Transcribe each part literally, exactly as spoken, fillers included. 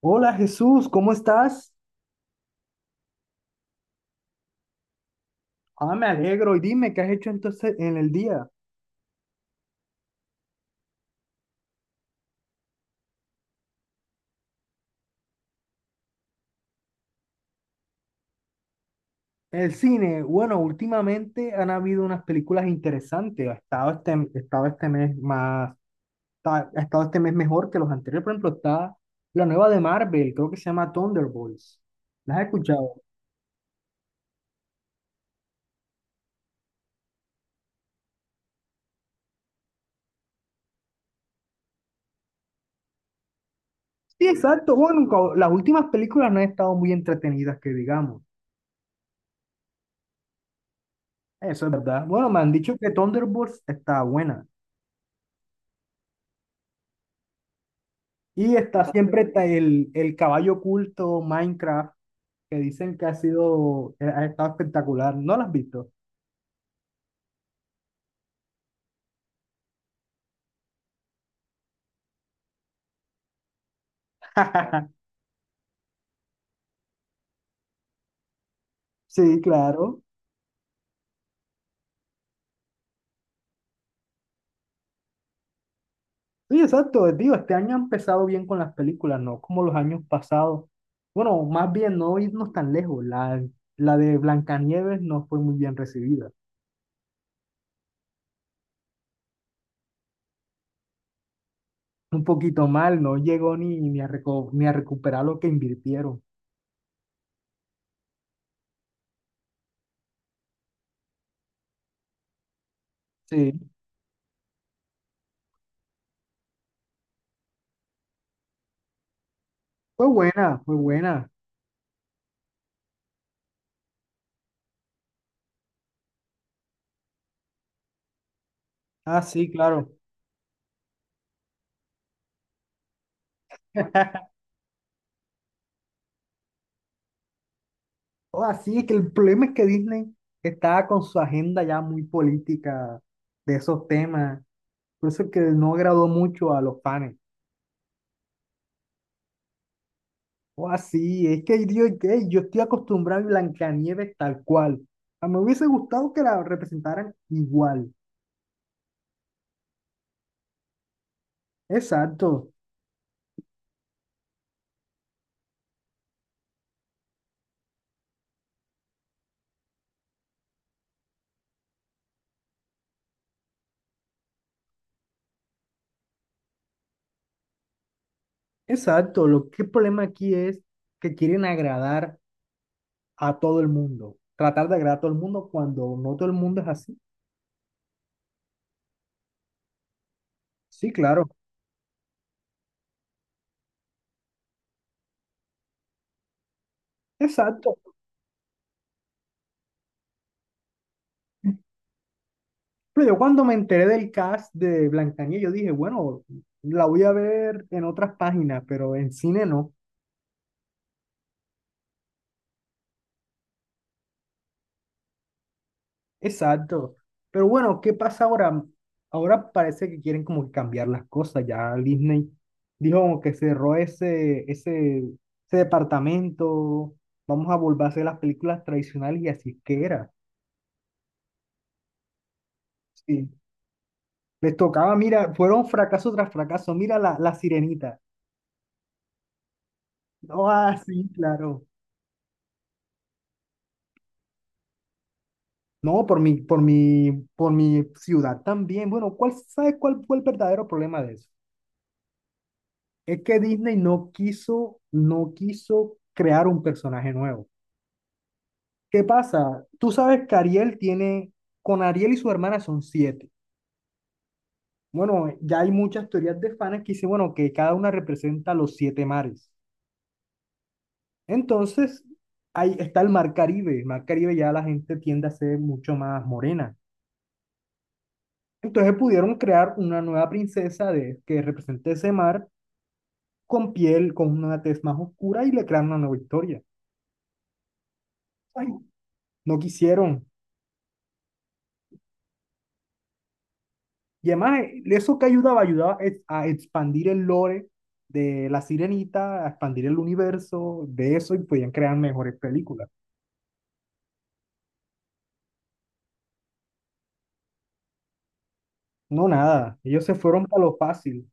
Hola Jesús, ¿cómo estás? Ah, me alegro. Y dime, ¿qué has hecho entonces en el día? El cine, bueno, últimamente han habido unas películas interesantes. Ha estado este, ha estado este mes más, ha ha estado este mes mejor que los anteriores. Por ejemplo, está la nueva de Marvel, creo que se llama Thunderbolts. ¿Las has escuchado? Sí, exacto. Bueno, co- las últimas películas no han estado muy entretenidas, que digamos. Eso es verdad. Bueno, me han dicho que Thunderbolts está buena. Y está siempre ta- el, el caballo oculto, Minecraft, que dicen que ha sido, eh, ha estado espectacular. ¿No la has visto? Sí, claro. Sí, exacto, digo, este año ha empezado bien con las películas, ¿no? Como los años pasados. Bueno, más bien no irnos tan lejos. La, la de Blancanieves no fue muy bien recibida. Un poquito mal, no llegó ni, ni a reco- ni a recuperar lo que invirtieron. Sí, fue buena, fue buena. Ah, sí, claro. o Así que el problema es que Disney está con su agenda ya muy política de esos temas. Por eso es que no agradó mucho a los fans. O así, es que yo, que yo estoy acostumbrado a Blancanieves tal cual. A mí me hubiese gustado que la representaran igual. Exacto, exacto. Lo que el problema aquí es que quieren agradar a todo el mundo. Tratar de agradar a todo el mundo cuando no todo el mundo es así. Sí, claro. Exacto. Pero yo cuando me enteré del cast de Blancanieves, yo dije, bueno, la voy a ver en otras páginas, pero en cine no. Exacto. Pero bueno, ¿qué pasa ahora? Ahora parece que quieren como que cambiar las cosas. Ya Disney dijo como que cerró ese, ese, ese departamento. Vamos a volver a hacer las películas tradicionales y así es que era. Sí. Les tocaba, mira, fueron fracaso tras fracaso. Mira la, la Sirenita. No, ah, sí, claro. No, por mi, por mi, por mi ciudad también. Bueno, ¿cuál, sabe cuál fue el verdadero problema de eso? Es que Disney no quiso, no quiso crear un personaje nuevo. ¿Qué pasa? Tú sabes que Ariel tiene, con Ariel y su hermana son siete. Bueno, ya hay muchas teorías de fans que dicen, bueno, que cada una representa los siete mares. Entonces, ahí está el mar Caribe. El mar Caribe ya la gente tiende a ser mucho más morena. Entonces pudieron crear una nueva princesa de, que represente ese mar con piel, con una tez más oscura y le crearon una nueva historia. Ay, no quisieron. Y además, eh, eso que ayudaba, ayudaba es a expandir el lore de La Sirenita, a expandir el universo de eso y podían crear mejores películas. No, nada, ellos se fueron para lo fácil.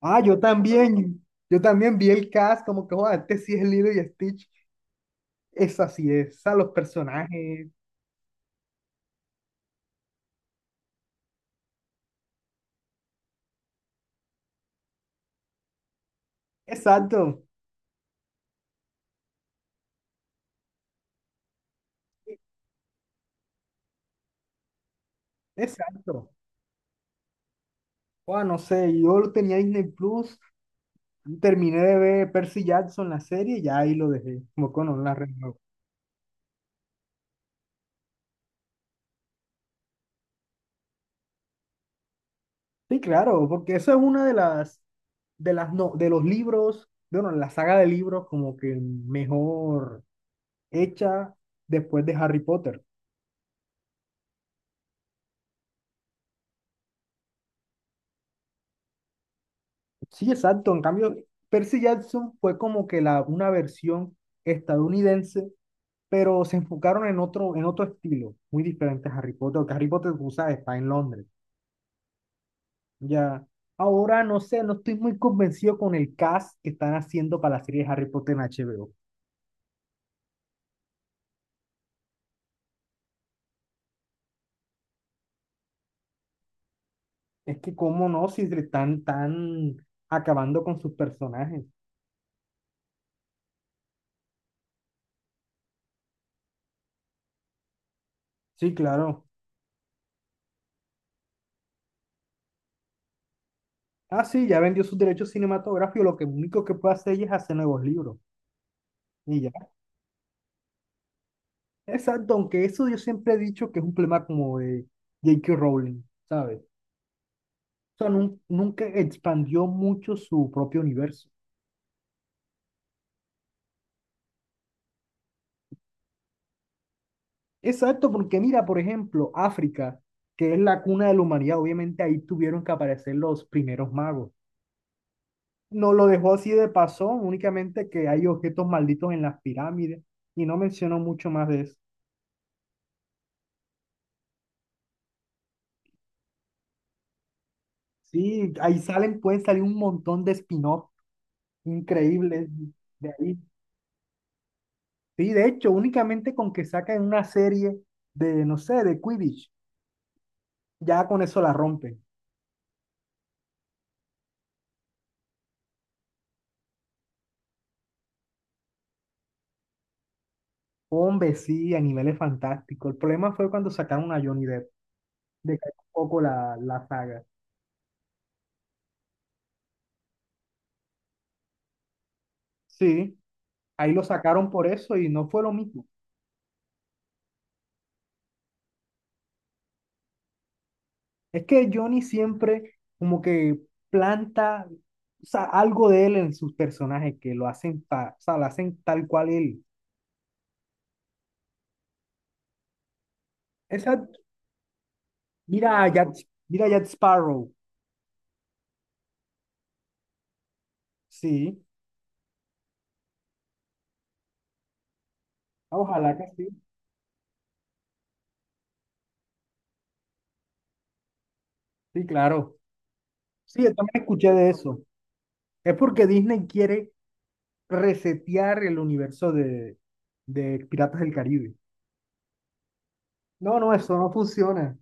Ah, yo también, yo también vi el cast, como que, joder, este sí es Lilo y Stitch. Esa sí es, a los personajes. Exacto. Exacto. Bueno, no sé, yo lo tenía Disney Plus, terminé de ver Percy Jackson la serie y ya ahí lo dejé, como con una red. Sí, claro, porque eso es una de las, de las, no, de los libros, de, bueno, la saga de libros como que mejor hecha después de Harry Potter. Sí, exacto. En cambio, Percy Jackson fue como que la, una versión estadounidense, pero se enfocaron en otro, en otro estilo, muy diferente a Harry Potter, porque Harry Potter, tú sabes, está en Londres. Ya, ahora no sé, no estoy muy convencido con el cast que están haciendo para la serie de Harry Potter en H B O. Es que cómo no, si le están tan acabando con sus personajes. Sí, claro. Ah, sí, ya vendió sus derechos cinematográficos, lo que único que puede hacer ella es hacer nuevos libros. Y ya. Exacto, aunque eso yo siempre he dicho que es un problema como de J K. Rowling, ¿sabes? O sea, nun- nunca expandió mucho su propio universo. Exacto, porque mira, por ejemplo, África, que es la cuna de la humanidad, obviamente ahí tuvieron que aparecer los primeros magos. No lo dejó así de pasón, únicamente que hay objetos malditos en las pirámides y no mencionó mucho más de eso. Sí, ahí salen, pueden salir un montón de spin-off increíbles de ahí. Sí, de hecho, únicamente con que saquen una serie de, no sé, de Quidditch, ya con eso la rompen. Hombre, sí, a niveles fantásticos. El problema fue cuando sacaron a Johnny Depp, decayó un poco la, la saga. Sí, ahí lo sacaron por eso y no fue lo mismo. Es que Johnny siempre como que planta, o sea, algo de él en sus personajes que lo hacen, ta- o sea, lo hacen tal cual él. Esa, mira a Jack, mira a Jack Sparrow. Sí, ojalá que sí. Sí, claro. Sí, yo también escuché de eso. Es porque Disney quiere resetear el universo de, de Piratas del Caribe. No, no, eso no funciona.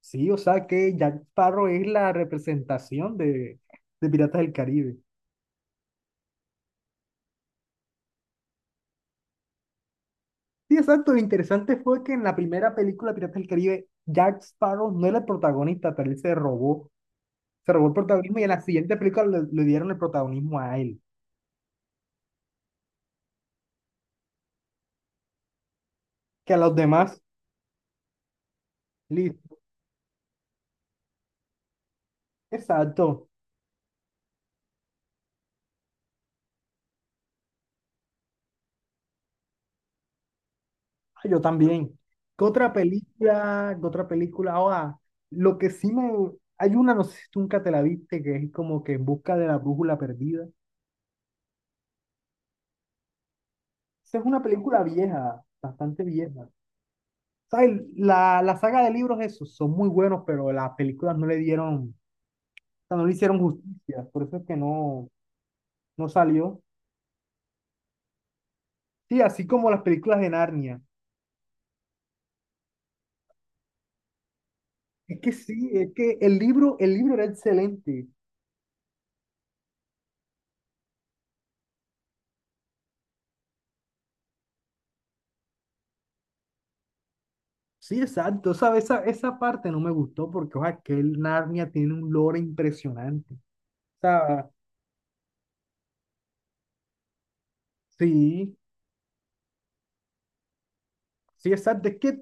Sí, o sea que Jack Sparrow es la representación de, de Piratas del Caribe. Sí, exacto. Lo interesante fue que en la primera película Piratas del Caribe, Jack Sparrow no era el protagonista, pero él se robó, se robó el protagonismo y en la siguiente película le, le dieron el protagonismo a él, que a los demás. Listo. Exacto. Ah, yo también. ¿Qué otra película? ¿Qué otra película? Ahora, lo que sí me... Hay una, no sé si tú nunca te la viste, que es como que en busca de la brújula perdida. Esa es una película vieja, bastante vieja. ¿Sabes? La, la saga de libros, esos son muy buenos, pero las películas no le dieron sea, no le hicieron justicia, por eso es que no, no salió. Sí, así como las películas de Narnia. Es que sí, es que el libro, el libro era excelente. Sí, exacto. Sabes esa, esa parte no me gustó porque, o sea, que el Narnia tiene un lore impresionante. O sea, sí, sí, exacto. Es que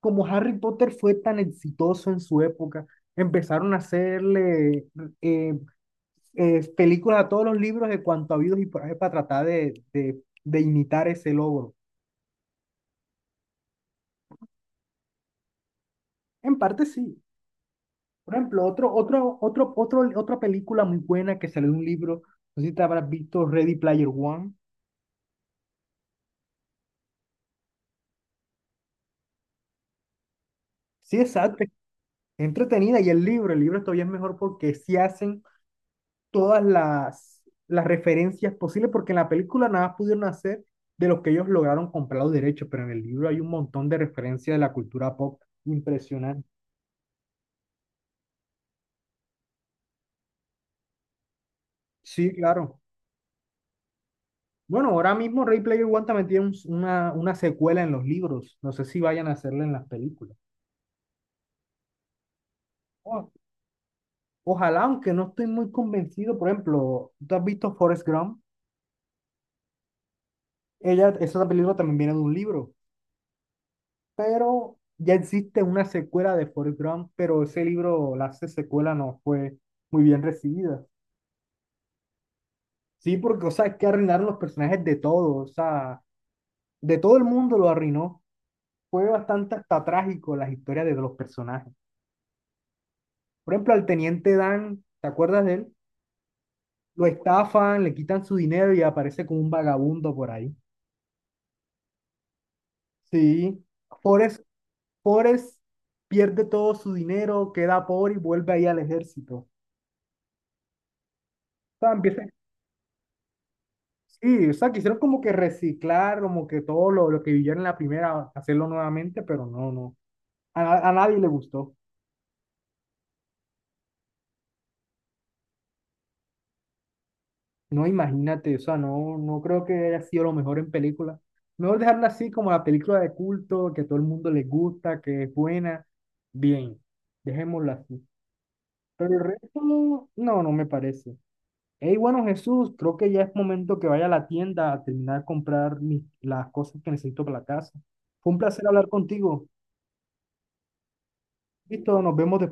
como Harry Potter fue tan exitoso en su época, empezaron a hacerle eh, eh, películas a todos los libros de cuanto habidos y por ahí para tratar de, de, de imitar ese logro. En parte sí. Por ejemplo, otro, otro, otro, otro, otra película muy buena que salió de un libro, no sé si te habrás visto Ready Player One. Sí, exacto, es entretenida y el libro, el libro todavía es mejor porque sí hacen todas las, las referencias posibles, porque en la película nada más pudieron hacer de lo que ellos lograron comprar los derechos, pero en el libro hay un montón de referencias de la cultura pop impresionante. Sí, claro. Bueno, ahora mismo Ready Player One también tiene un- una, una secuela en los libros, no sé si vayan a hacerla en las películas. Ojalá, aunque no estoy muy convencido, por ejemplo, ¿tú has visto Forrest Gump? Ella, esa película también viene de un libro, pero ya existe una secuela de Forrest Gump, pero ese libro, la se- secuela no fue muy bien recibida. Sí, porque, o sea, es que arruinaron los personajes de todos, o sea, de todo el mundo lo arruinó. Fue bastante hasta trágico las historias de los personajes. Por ejemplo, al teniente Dan, ¿te acuerdas de él? Lo estafan, le quitan su dinero y aparece como un vagabundo por ahí. Sí. Forrest Forrest pierde todo su dinero, queda pobre y vuelve ahí al ejército. O sea, empieza- sí, o sea, quisieron como que reciclar, como que todo lo, lo que vivieron en la primera, hacerlo nuevamente, pero no, no. A, na- a nadie le gustó. No, imagínate, o sea, no, no creo que haya sido lo mejor en película. Mejor dejarla así como la película de culto, que a todo el mundo le gusta, que es buena. Bien, dejémosla así. Pero el resto, no, no me parece. Hey, bueno, Jesús, creo que ya es momento que vaya a la tienda a terminar de comprar mis- las cosas que necesito para la casa. Fue un placer hablar contigo. Listo, nos vemos después.